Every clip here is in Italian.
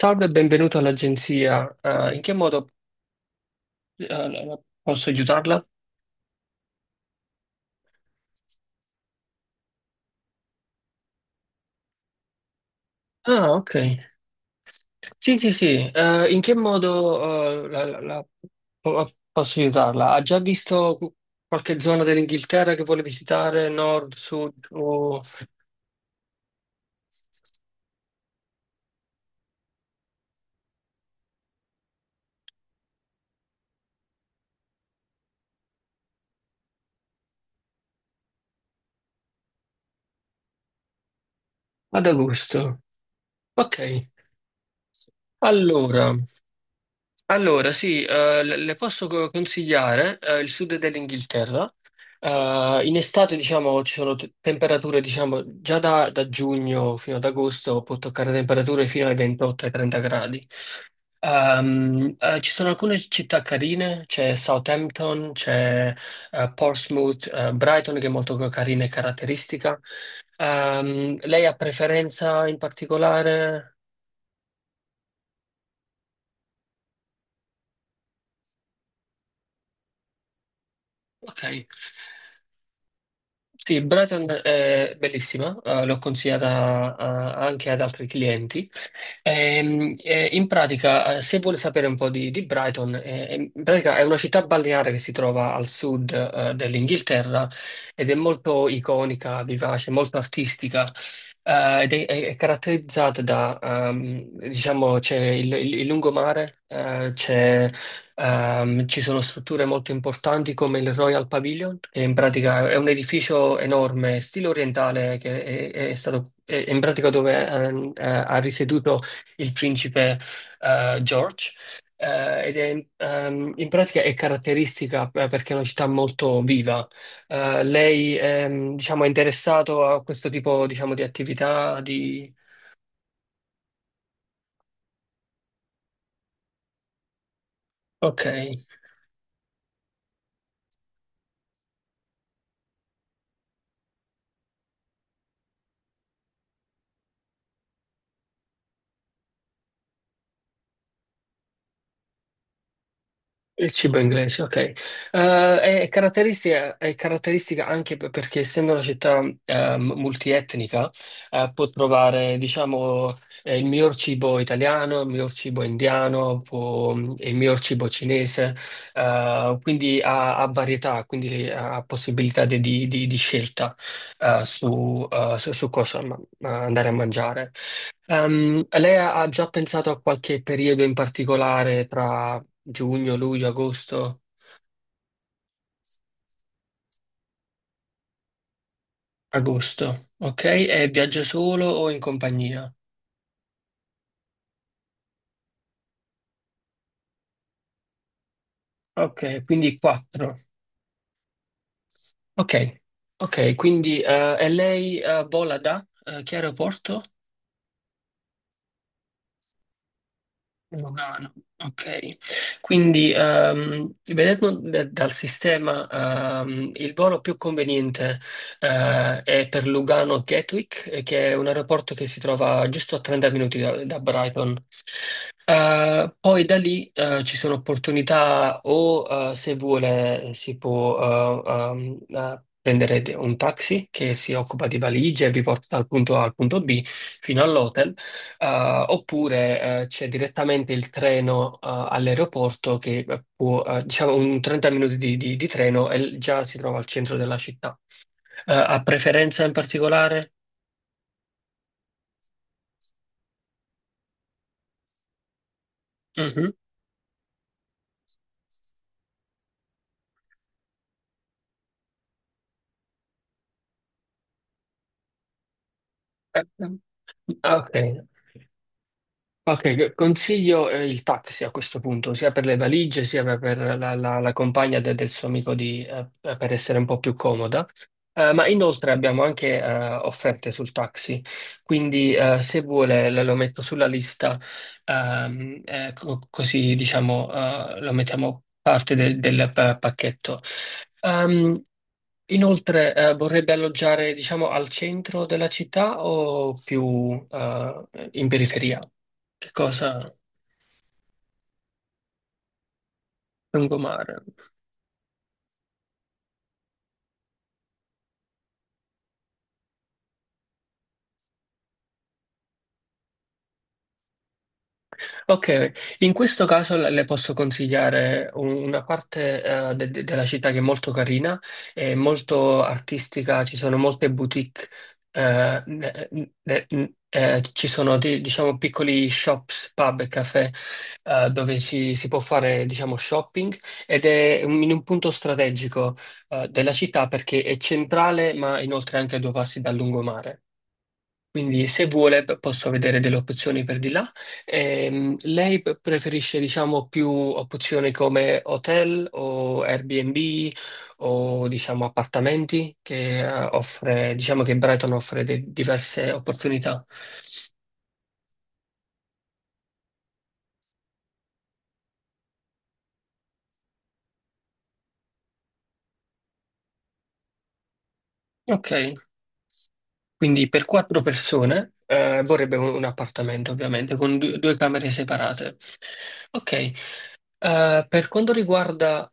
Salve e benvenuto all'agenzia. Ah, in che modo posso aiutarla? Ah, ok. Sì, sì, sì. In che modo posso aiutarla? Ha già visto qualche zona dell'Inghilterra che vuole visitare, nord, sud o ad agosto? Ok. Allora. Allora, sì, le posso consigliare il sud dell'Inghilterra. In estate, diciamo, ci sono temperature, diciamo, già da giugno fino ad agosto può toccare temperature fino ai 28 ai 30 gradi. Ci sono alcune città carine, c'è Southampton, c'è Portsmouth, Brighton che è molto carina e caratteristica. Lei ha preferenza in particolare? Ok. Sì, Brighton è bellissima, l'ho consigliata anche ad altri clienti. In pratica, se vuole sapere un po' di Brighton, in pratica è una città balneare che si trova al sud, dell'Inghilterra ed è molto iconica, vivace, molto artistica. Ed è caratterizzata da, diciamo, c'è il lungomare, ci sono strutture molto importanti come il Royal Pavilion, che in pratica è un edificio enorme, stile orientale, che è stato, è in pratica dove ha risieduto il principe George, ed è in pratica è caratteristica perché è una città molto viva. Lei, diciamo, è interessato a questo tipo, diciamo, di attività di. Ok. Il cibo inglese, ok. È caratteristica, è caratteristica anche perché essendo una città multietnica, può trovare, diciamo, il miglior cibo italiano, il miglior cibo indiano, il miglior cibo cinese, quindi ha varietà, quindi ha possibilità di scelta su, su cosa ma andare a mangiare. Lei ha già pensato a qualche periodo in particolare? Giugno, luglio, agosto, agosto, ok? E viaggia solo o in compagnia? Ok, quindi 4. Ok, ok, quindi e lei vola da che aeroporto? Lugano, ok. Quindi, vedendo dal sistema, il volo più conveniente è per Lugano Gatwick, che è un aeroporto che si trova giusto a 30 minuti da Brighton. Poi da lì, ci sono opportunità o, se vuole, si può, prendere un taxi che si occupa di valigie e vi porta dal punto A al punto B fino all'hotel, eh, oppure c'è direttamente il treno all'aeroporto che può, diciamo, un 30 minuti di treno e già si trova al centro della città. Ha preferenza in particolare? Mhm. Eh, ok. Ok, consiglio il taxi a questo punto, sia per le valigie, sia per la compagna del suo amico per essere un po' più comoda. Ma inoltre abbiamo anche offerte sul taxi, quindi se vuole lo metto sulla lista, così diciamo lo mettiamo parte del pacchetto. Ehm, Inoltre vorrebbe alloggiare, diciamo, al centro della città o più in periferia? Che cosa? Lungomare. Ok, in questo caso le posso consigliare una parte della città che è molto carina, è molto artistica, ci sono molte boutique, eh, ne- ci sono diciamo piccoli shops, pub e caffè, dove si può fare, diciamo, shopping ed è in un punto strategico della città perché è centrale ma inoltre anche a due passi dal lungomare. Quindi se vuole posso vedere delle opzioni per di là. Lei preferisce, diciamo, più opzioni come hotel o Airbnb o, diciamo, appartamenti che offre, diciamo, che Brighton offre diverse opportunità. Ok, quindi per quattro persone vorrebbe un appartamento, ovviamente, con due camere separate. Ok. Per quanto riguarda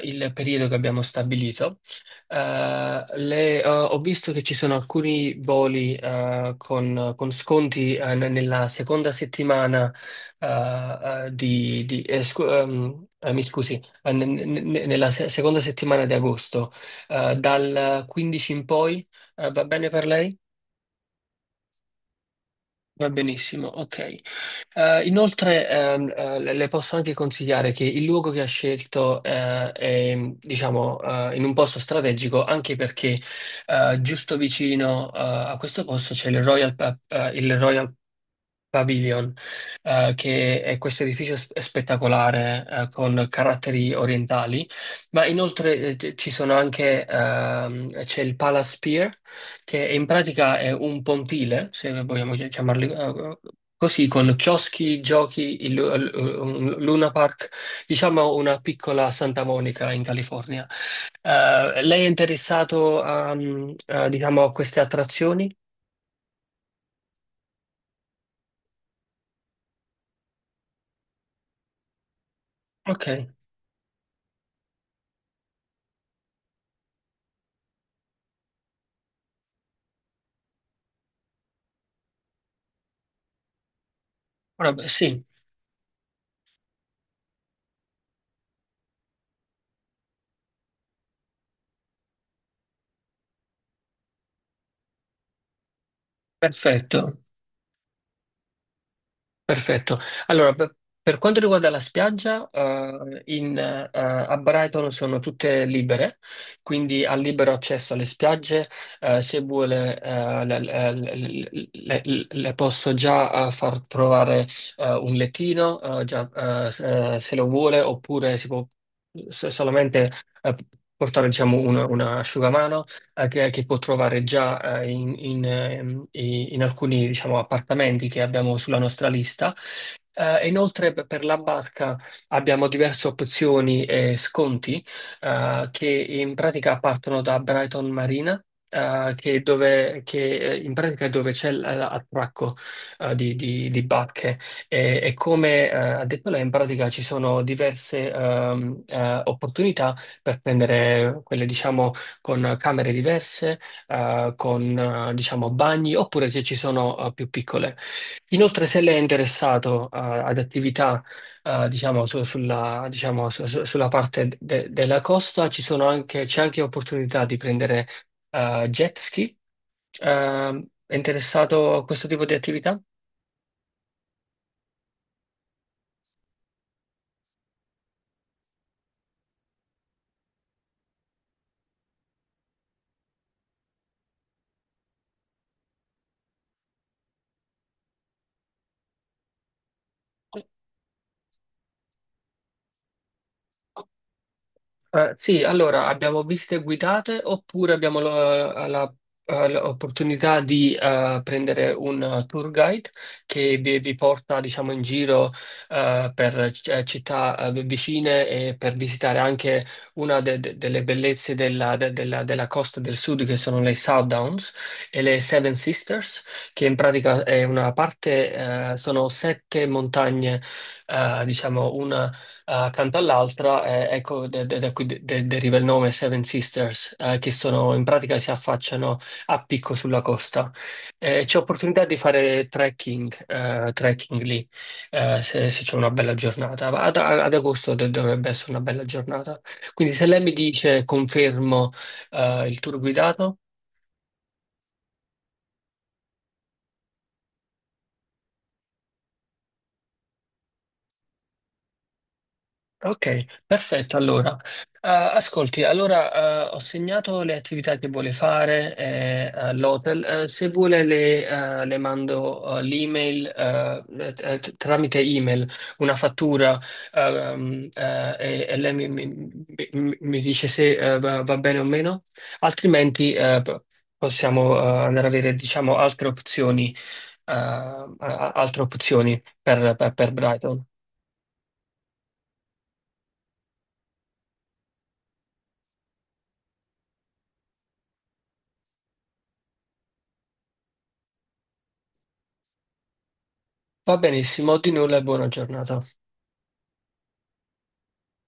il periodo che abbiamo stabilito, ho visto che ci sono alcuni voli con sconti nella seconda settimana mi scusi, nella seconda settimana di agosto, dal 15 in poi, va bene per lei? Va benissimo, ok. Inoltre le posso anche consigliare che il luogo che ha scelto è, diciamo, in un posto strategico, anche perché giusto vicino a questo posto c'è il Royal Pavilion, che è questo edificio spettacolare, con caratteri orientali, ma inoltre ci sono anche, c'è il Palace Pier, che in pratica è un pontile, se vogliamo chiamarli, così, con chioschi, giochi, un Luna Park, diciamo una piccola Santa Monica in California. Lei è interessato a, a, diciamo, a queste attrazioni? Ok, vabbè, sì, perfetto. Perfetto. Allora, per quanto riguarda la spiaggia, a Brighton sono tutte libere, quindi ha libero accesso alle spiagge. Se vuole, le posso già far trovare un lettino, se lo vuole, oppure si può solamente eh, portare, diciamo, un asciugamano che può trovare già in alcuni, diciamo, appartamenti che abbiamo sulla nostra lista. E inoltre per la barca abbiamo diverse opzioni e sconti che in pratica partono da Brighton Marina. Che è dove, che In pratica è dove c'è l'attracco di barche e come ha detto lei in pratica ci sono diverse opportunità per prendere quelle, diciamo, con camere diverse, con diciamo bagni, oppure se ci sono più piccole. Inoltre, se lei è interessato ad attività diciamo, su- sulla, diciamo, su- su- sulla parte della costa, ci sono anche, c'è anche opportunità di prendere jet ski. È interessato a questo tipo di attività? Sì, allora abbiamo visite guidate oppure abbiamo l'opportunità di prendere un tour guide che vi porta, diciamo, in giro per città vicine e per visitare anche una delle bellezze della costa del sud che sono le South Downs e le Seven Sisters, che in pratica è una parte, sono sette montagne, diciamo, una accanto all'altra, ecco da cui deriva il nome Seven Sisters, che sono, in pratica, si affacciano a picco sulla costa. C'è opportunità di fare trekking, trekking lì, se c'è una bella giornata. Ad agosto dovrebbe essere una bella giornata. Quindi se lei mi dice confermo, il tour guidato. Ok, perfetto. Allora. Ascolti, allora ho segnato le attività che vuole fare all'hotel. Se vuole le mando l'email, tramite email, una fattura, e lei mi dice se va bene o meno, altrimenti possiamo andare a vedere, diciamo, altre opzioni, altre opzioni per Brighton. Va benissimo, di nulla e buona giornata.